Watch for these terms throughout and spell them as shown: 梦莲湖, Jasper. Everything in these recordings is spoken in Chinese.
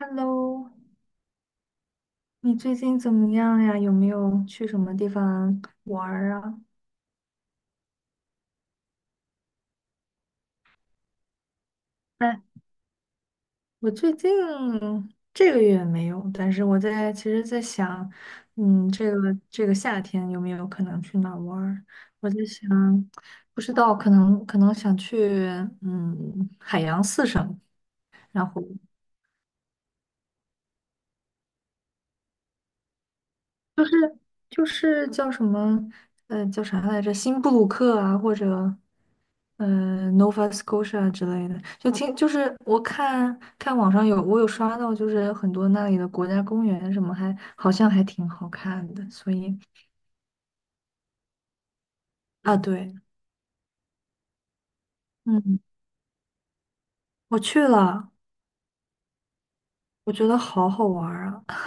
Hello，你最近怎么样呀？有没有去什么地方玩儿啊？哎，我最近这个月没有，但是其实在想，这个夏天有没有可能去哪儿玩儿？我在想，不知道，可能想去海洋四省，然后就是叫什么，叫啥来着？新布鲁克啊，或者，Nova Scotia 之类的，就是我看看网上有，我有刷到，就是很多那里的国家公园什么还，好像还挺好看的，所以。啊，对，嗯，我去了，我觉得好好玩儿啊。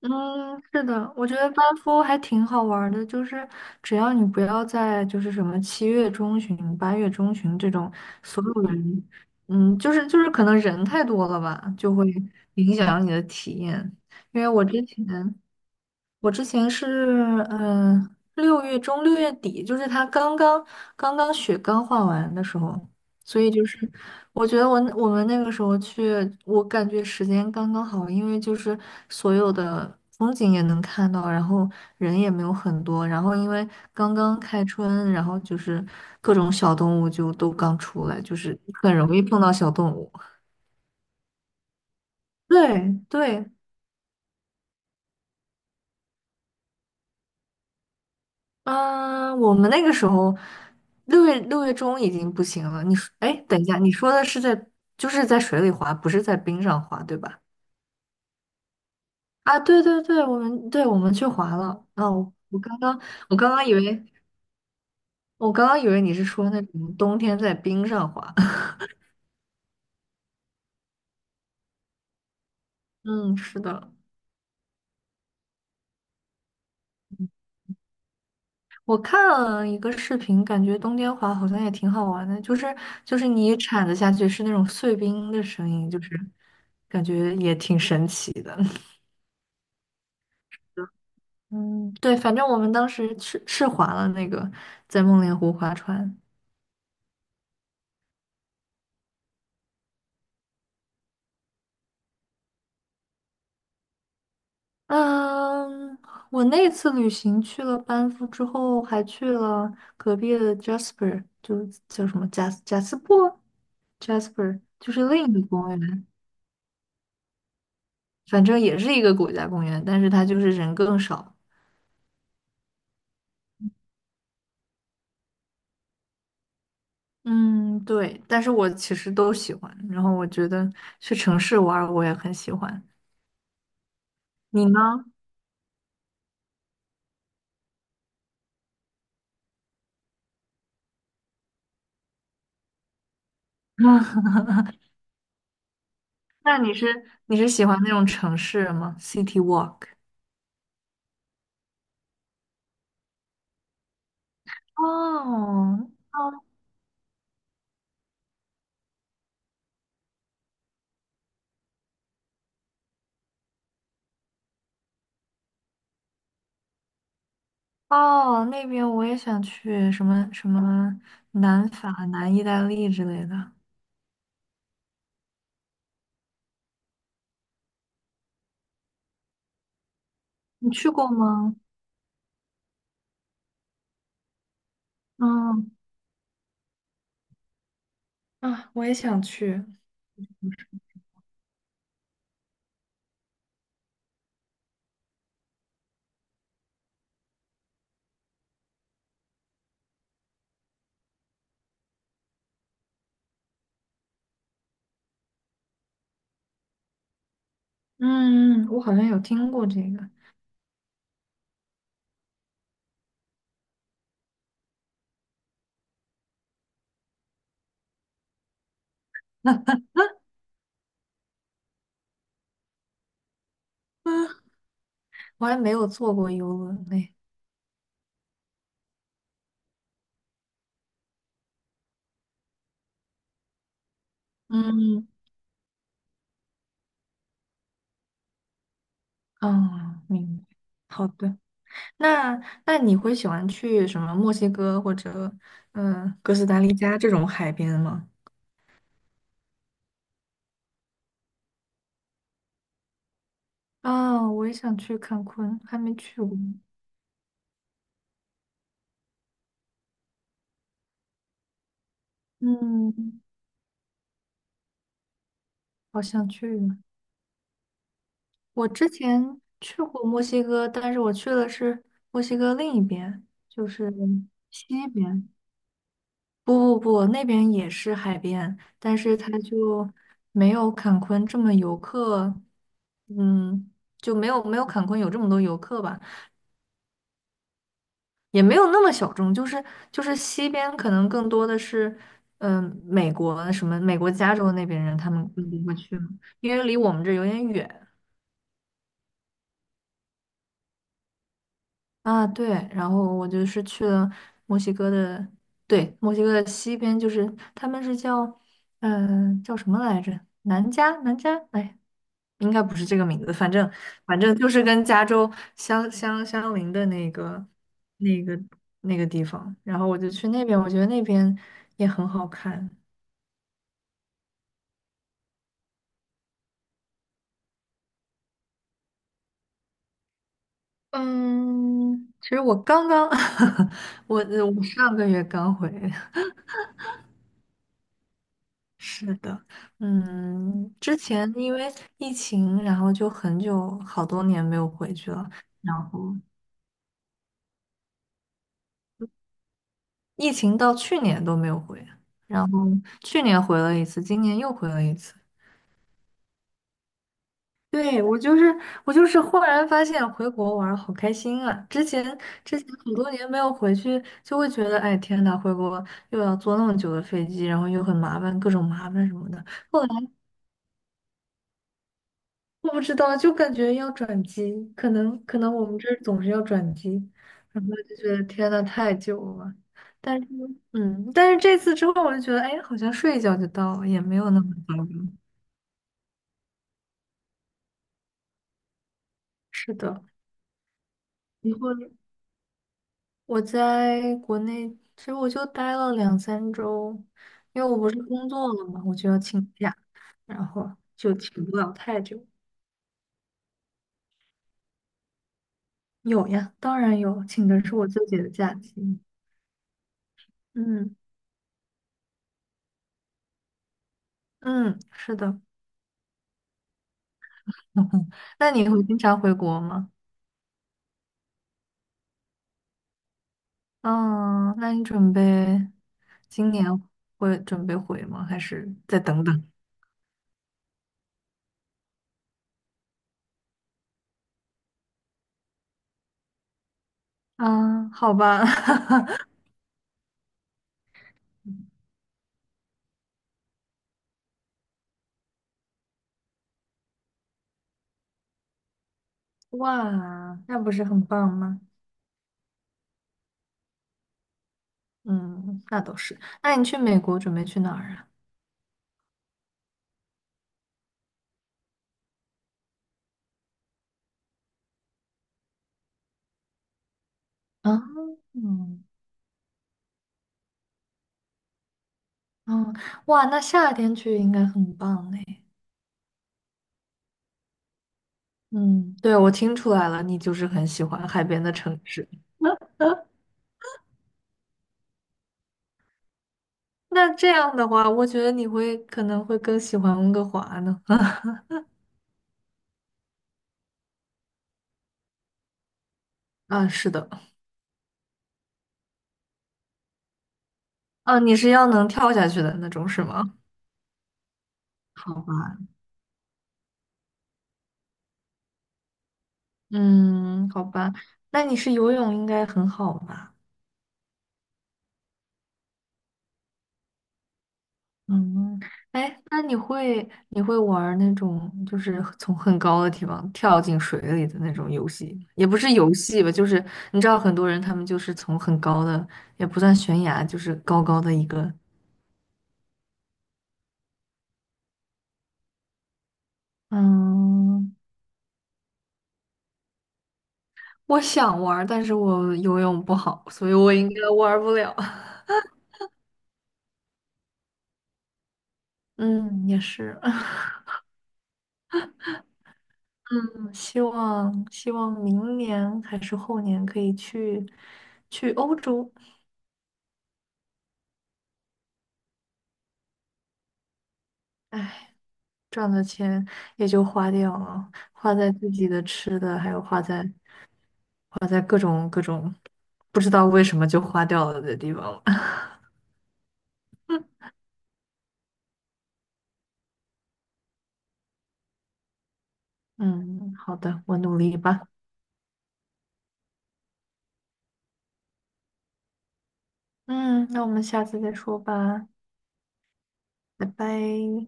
嗯，是的，我觉得班夫还挺好玩儿的，就是只要你不要在就是什么7月中旬、8月中旬这种所有人，就是可能人太多了吧，就会影响你的体验。因为我之前是，六月中6月底，就是他刚刚雪刚化完的时候，所以就是我觉得我们那个时候去，我感觉时间刚刚好，因为就是所有的风景也能看到，然后人也没有很多，然后因为刚刚开春，然后就是各种小动物就都刚出来，就是很容易碰到小动物。对对，嗯，我们那个时候六月中已经不行了。你说，哎，等一下，你说的是在就是在水里滑，不是在冰上滑，对吧？啊，对对对，我们对我们去滑了。哦，我刚刚以为我刚刚以为你是说那种冬天在冰上滑。嗯，是的。我看了一个视频，感觉冬天滑好像也挺好玩的，就是你铲子下去是那种碎冰的声音，就是感觉也挺神奇的。嗯，对，反正我们当时是划了那个在梦莲湖划船。嗯，我那次旅行去了班夫之后，还去了隔壁的 Jasper，就是叫什么贾斯珀 Jasper，就是另一个公园，反正也是一个国家公园，但是它就是人更少。嗯，对，但是我其实都喜欢，然后我觉得去城市玩儿我也很喜欢。你呢？那你是喜欢那种城市吗？City Walk？哦哦哦，那边我也想去，什么什么南法、南意大利之类的，你去过吗？嗯啊，我也想去。嗯，我好像有听过这个，我还没有坐过游轮嘞。嗯，哦，明白。好的，那那你会喜欢去什么墨西哥或者哥斯达黎加这种海边吗？啊，我也想去看昆，还没去过。嗯，好想去啊。我之前去过墨西哥，但是我去的是墨西哥另一边，就是西边。不不不，那边也是海边，但是它就没有坎昆这么游客，嗯，就没有坎昆有这么多游客吧，也没有那么小众。就是西边可能更多的是，美国加州那边人他们更多会去嘛，因为离我们这有点远。啊，对，然后我就是去了墨西哥的，对，墨西哥的西边，就是他们是叫，叫什么来着？南加，哎，应该不是这个名字，反正就是跟加州相邻的那个那个地方，然后我就去那边，我觉得那边也很好看。嗯，其实我刚刚，我我上个月刚回，是的，之前因为疫情，然后就很久好多年没有回去了，然后疫情到去年都没有回，然后去年回了一次，今年又回了一次。对，我就是忽然发现回国玩儿好开心啊！之前很多年没有回去，就会觉得哎天呐，回国又要坐那么久的飞机，然后又很麻烦，各种麻烦什么的。后来，我不知道，就感觉要转机，可能我们这儿总是要转机，然后就觉得天呐，太久了。但是，但是这次之后，我就觉得，哎，好像睡一觉就到了，也没有那么糟糕。是的，以后我在国内，其实我就待了两三周，因为我不是工作了嘛，我就要请假，然后就请不了太久。有呀，当然有，请的是我自己的假期。嗯嗯，是的。那你会经常回国吗？嗯，那你准备今年会准备回吗？还是再等等？嗯，好吧。哇，那不是很棒吗？嗯，那倒是。那你去美国准备去哪儿啊？啊，嗯嗯，哇，那夏天去应该很棒哎。嗯，对，我听出来了，你就是很喜欢海边的城市。那这样的话，我觉得你会可能会更喜欢温哥华呢。啊，是的。哦，你是要能跳下去的那种是吗？好吧，嗯，好吧，那你是游泳应该很好吧？嗯，哎，那你会玩儿那种就是从很高的地方跳进水里的那种游戏吗，也不是游戏吧，就是你知道很多人他们就是从很高的，也不算悬崖，就是高高的一个，嗯，我想玩儿但是我游泳不好，所以我应该玩儿不了。嗯，也是。希望明年还是后年可以去欧洲，哎，赚的钱也就花掉了，花在自己的吃的，还有花在不知道为什么就花掉了的地方了。嗯，好的，我努力吧。嗯，那我们下次再说吧，拜拜。